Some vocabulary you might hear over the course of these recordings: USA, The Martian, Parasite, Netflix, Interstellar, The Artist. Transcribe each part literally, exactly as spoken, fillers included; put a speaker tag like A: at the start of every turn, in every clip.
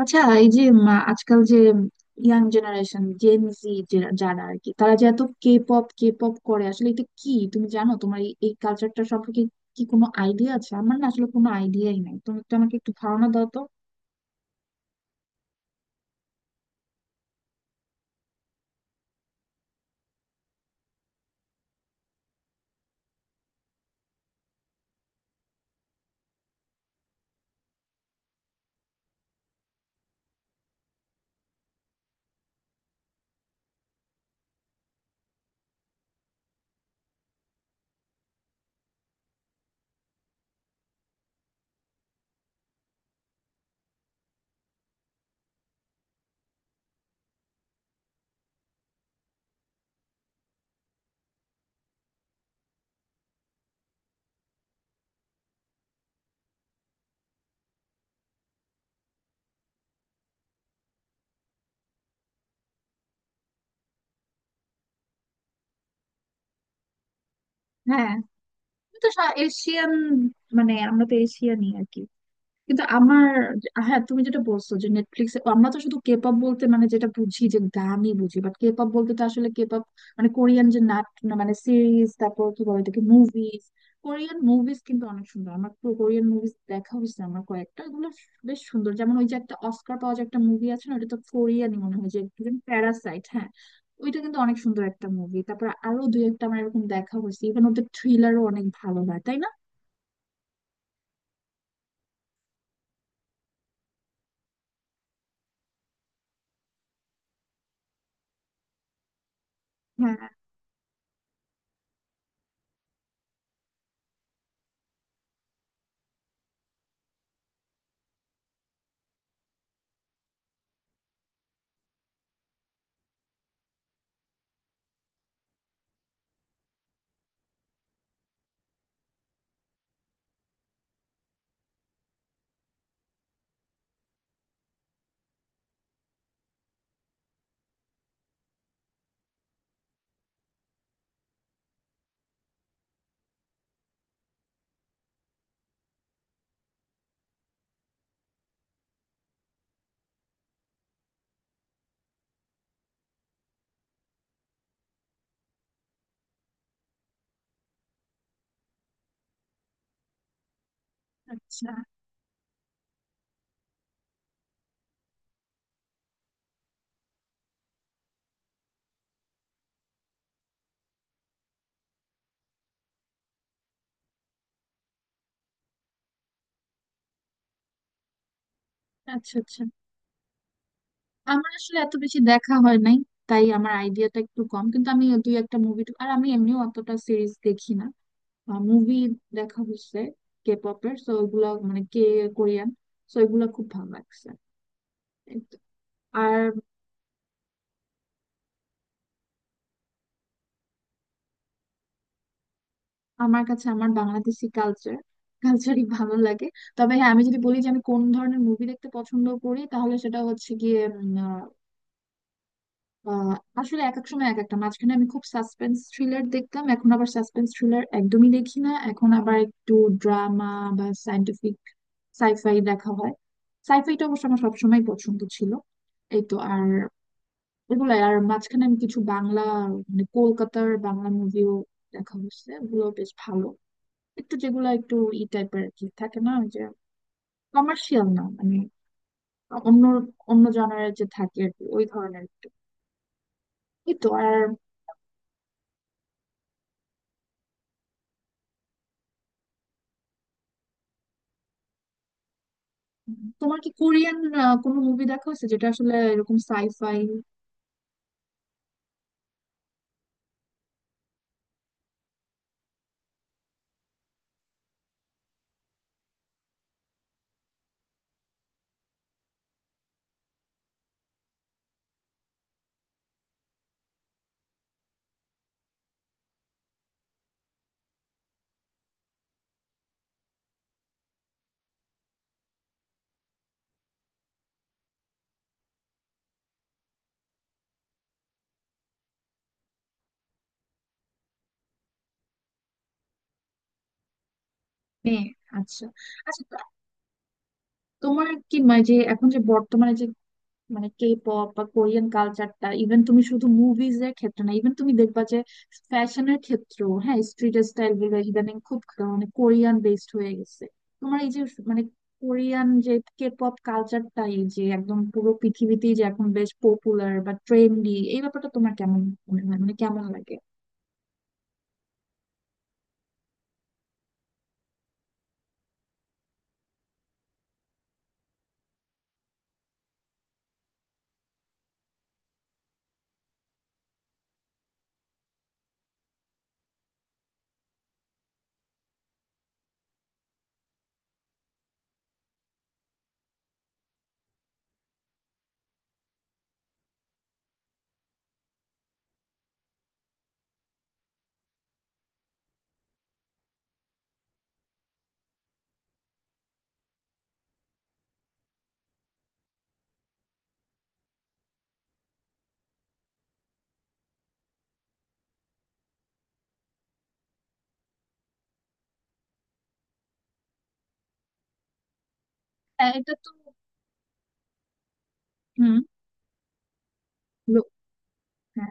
A: আচ্ছা, এই যে উম, আজকাল যে ইয়াং জেনারেশন, জেন জি, যারা আর কি, তারা যে এত কে পপ কে পপ করে, আসলে এটা কি তুমি জানো? তোমার এই এই কালচারটা সম্পর্কে কি কোনো আইডিয়া আছে? আমার না আসলে কোনো আইডিয়াই নাই, তুমি একটু আমাকে একটু ধারণা দাও তো। হ্যাঁ, তুমি তো সা- এশিয়ান, মানে আমরা তো এশিয়ানই আর কি, কিন্তু আমার। হ্যাঁ, তুমি যেটা বলছো যে নেটফ্লিক্সে, আমরা তো শুধু কেপপ বলতে মানে যেটা বুঝি যে গানই বুঝি, বাট কেপপ বলতে তো আসলে কেপপ মানে কোরিয়ান যে নাট না মানে সিরিজ, তারপর কি বলে এটাকে, মুভিজ। কোরিয়ান মুভিজ কিন্তু অনেক সুন্দর, আমার কোরিয়ান মুভিজ দেখা হয়েছে আমার কয়েকটা। এগুলো বেশ সুন্দর, যেমন ওই যে একটা অস্কার পাওয়া যে একটা মুভি আছে না, ওটা তো কোরিয়ানই মনে হয় যে, প্যারাসাইট, হ্যাঁ। ওইটা কিন্তু অনেক সুন্দর একটা মুভি। তারপর আরো দুই একটা আমার এরকম দেখা হয়েছে, ইভেন ওদের থ্রিলারও অনেক ভালো হয়, তাই না? হ্যাঁ, আচ্ছা আচ্ছা। আচ্ছা, আমার আসলে এত বেশি দেখা হয় নাই, তাই আমার আইডিয়াটা একটু কম, কিন্তু আমি দুই একটা মুভি, আর আমি এমনিও অতটা সিরিজ দেখি না, মুভি দেখা হচ্ছে কে পপের, সো ওগুলা মানে কে, কোরিয়ান, সো এগুলা খুব ভালো লাগছে, এই তো। আর আমার কাছে আমার বাংলাদেশি কালচার কালচারই ভালো লাগে। তবে হ্যাঁ, আমি যদি বলি যে আমি কোন ধরনের মুভি দেখতে পছন্দ করি, তাহলে সেটা হচ্ছে গিয়ে আহ, আসলে এক এক সময় এক একটা, মাঝখানে আমি খুব সাসপেন্স থ্রিলার দেখতাম, এখন আবার সাসপেন্স থ্রিলার একদমই দেখি না, এখন আবার একটু ড্রামা বা সায়েন্টিফিক সাইফাই দেখা হয়। সাইফাইটা অবশ্য আমার সবসময় পছন্দ ছিল, এই তো। আর এগুলো, আর মাঝখানে আমি কিছু বাংলা মানে কলকাতার বাংলা মুভিও দেখা হচ্ছে, ওগুলো বেশ ভালো, একটু যেগুলো একটু ই টাইপের কি থাকে না, ওই যে কমার্শিয়াল না মানে অন্য, অন্য জনারের যে থাকে আর কি, ওই ধরনের একটু, এই তো। আর তোমার কি কোরিয়ান আহ, কোনো মুভি দেখা হয়েছে যেটা আসলে এরকম সাইফাই নিয়ে? আচ্ছা আচ্ছা, তা- তোমার কি মানে যে এখন যে বর্তমানে যে মানে কে পপ বা কোরিয়ান কালচারটা, ইভেন তুমি শুধু মুভিজ এর ক্ষেত্রে না, ইভেন তুমি দেখবা যে ফ্যাশনের ক্ষেত্রেও, হ্যাঁ স্ট্রিট স্টাইল গুলো ইদানিং খুব ক- মানে কোরিয়ান বেসড হয়ে গেছে। তোমার এই যে মানে কোরিয়ান যে কে পপ কালচারটা, এই যে একদম পুরো পৃথিবীতেই যে এখন বেশ পপুলার বা ট্রেন্ডি, এই ব্যাপারটা তোমার কেমন মনে হয়, মানে কেমন লাগে? হ্যাঁ এটা তো, হুম, হ্যাঁ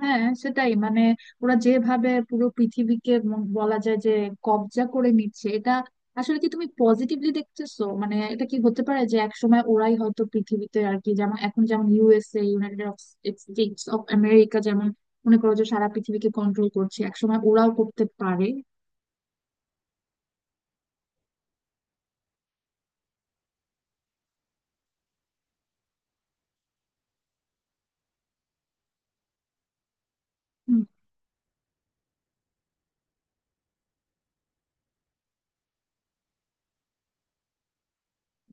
A: হ্যাঁ, সেটাই মানে ওরা যেভাবে পুরো পৃথিবীকে ম- বলা যায় যে কবজা করে নিচ্ছে, এটা আসলে কি তুমি পজিটিভলি দেখতেছো? মানে এটা কি হতে পারে যে একসময় ওরাই হয়তো পৃথিবীতে আর কি, যেমন এখন যেমন USA, United States of America যেমন মনে করো যে সারা পৃথিবীকে কন্ট্রোল করছে, একসময় ওরাও করতে পারে। হুম,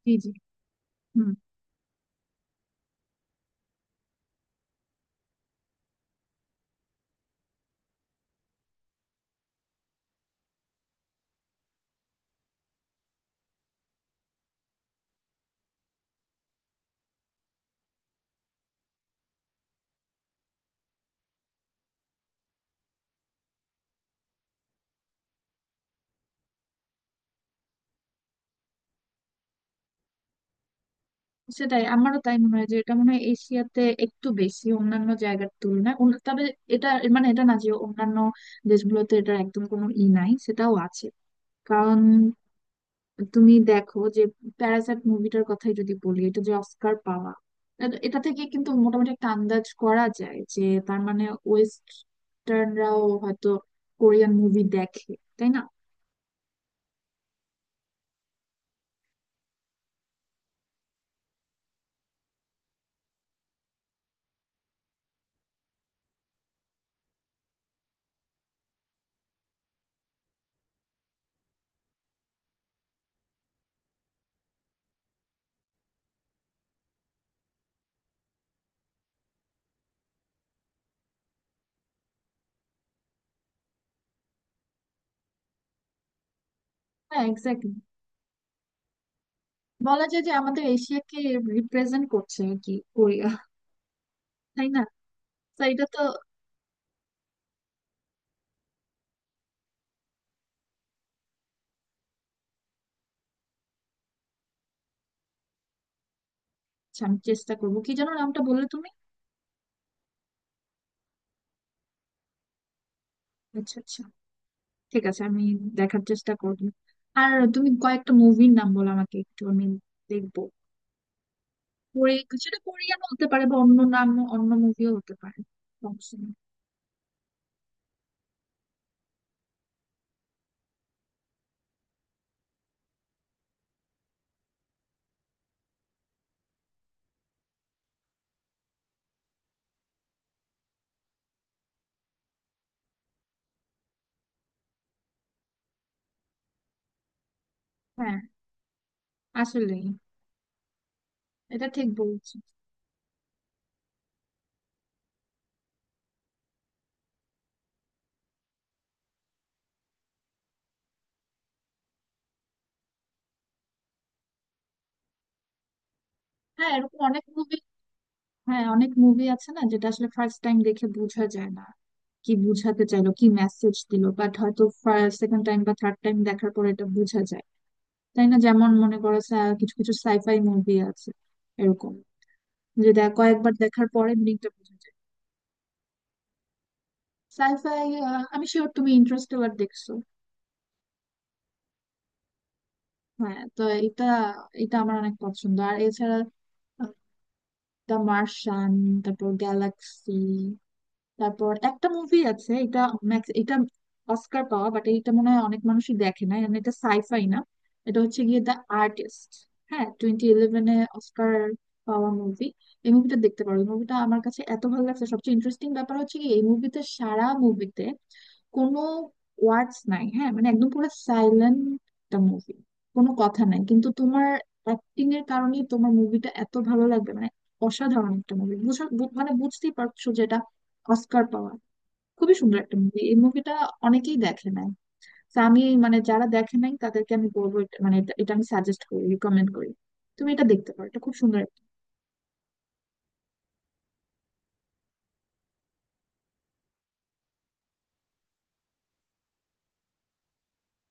A: জি জি, হুম। সেটাই, আমারও তাই মনে হয় যে এটা মনে হয় এশিয়াতে একটু বেশি অন্যান্য জায়গার তুলনায়, অন্য- তবে এটা মানে এটা না যে অন্যান্য দেশগুলোতে এটা একদম কোনো ই নাই, সেটাও আছে। কারণ তুমি দেখো যে প্যারাসাইট মুভিটার কথাই যদি বলি, এটা যে অস্কার পাওয়া, এ- এটা থেকে কিন্তু মোটামুটি একটা আন্দাজ করা যায় যে তার মানে ওয়েস্টার্নরাও হয়তো কোরিয়ান মুভি দেখে, তাই না? হ্যাঁ এক্স্যাক্টলি, বলা যায় যে আমাদের এশিয়াকে রিপ্রেজেন্ট করছে আর কি কোরিয়া, তাই না? তো এটা তো। আচ্ছা, আমি চেষ্টা করবো, কি যেন নামটা বললে তুমি? আচ্ছা আচ্ছা, ঠিক আছে, আমি দেখার চেষ্টা করবো। আর তুমি কয়েকটা মুভির নাম বলো আমাকে, একটু আমি দেখবো, কোরি সেটা কোরিয়ান হতে পারে বা অন্য নাম, অন্য মুভিও হতে পারে, সমস্যা নেই। হ্যাঁ, আসলেই, এটা ঠিক বলছো। হ্যাঁ এরকম অনেক মুভি, হ্যাঁ অনেক মুভি আছে না, যেটা আসলে ফার্স্ট টাইম দেখে বোঝা যায় না কি বুঝাতে চাইলো, কি মেসেজ দিলো, বাট হয়তো সেকেন্ড টাইম বা থার্ড টাইম দেখার পর এটা বোঝা যায়, তাই না? যেমন মনে করো সা- কিছু কিছু সাইফাই মুভি আছে এরকম যে দেখ- কয়েকবার দেখার পরে মিনিংটা বোঝা যায়। সাইফাই, আমি শিওর তুমি ইন্টারস্টেলার দেখছো। হ্যাঁ, তো এটা এটা আমার অনেক পছন্দ। আর এছাড়া দ্য মার্শিয়ান, তারপর গ্যালাক্সি, তারপর একটা মুভি আছে, এটা ম্যাক্স, এটা অস্কার পাওয়া বাট এটা মনে হয় অনেক মানুষই দেখে না, মানে এটা সাইফাই না, এটা হচ্ছে গিয়ে দ্য আর্টিস্ট। হ্যাঁ, টোয়েন্টি ইলেভেনে অস্কার পাওয়া মুভি। এই মুভিটা দেখতে পারো, এই মুভিটা আমার কাছে এত ভালো লাগছে। সবচেয়ে ইন্টারেস্টিং ব্যাপার হচ্ছে কি, এই মুভিতে, সারা মুভিতে কোনো ওয়ার্ডস নাই, হ্যাঁ মানে একদম পুরো সাইলেন্ট একটা মুভি, কোনো কথা নাই, কিন্তু তোমার অ্যাক্টিং এর কারণে তোমার মুভিটা এত ভালো লাগবে, মানে অসাধারণ একটা মুভি। বুঝা বু- মানে বুঝতেই পারছো যেটা অস্কার পাওয়া, খুবই সুন্দর একটা মুভি এই মুভিটা, অনেকেই দেখে নাই। তো আমি মানে যারা দেখে নাই তাদেরকে আমি বলবো এটা- মানে এটা এটা আমি সাজেস্ট করি, রিকমেন্ড করি, তুমি এটা দেখতে পারো, এটা খুব সুন্দর।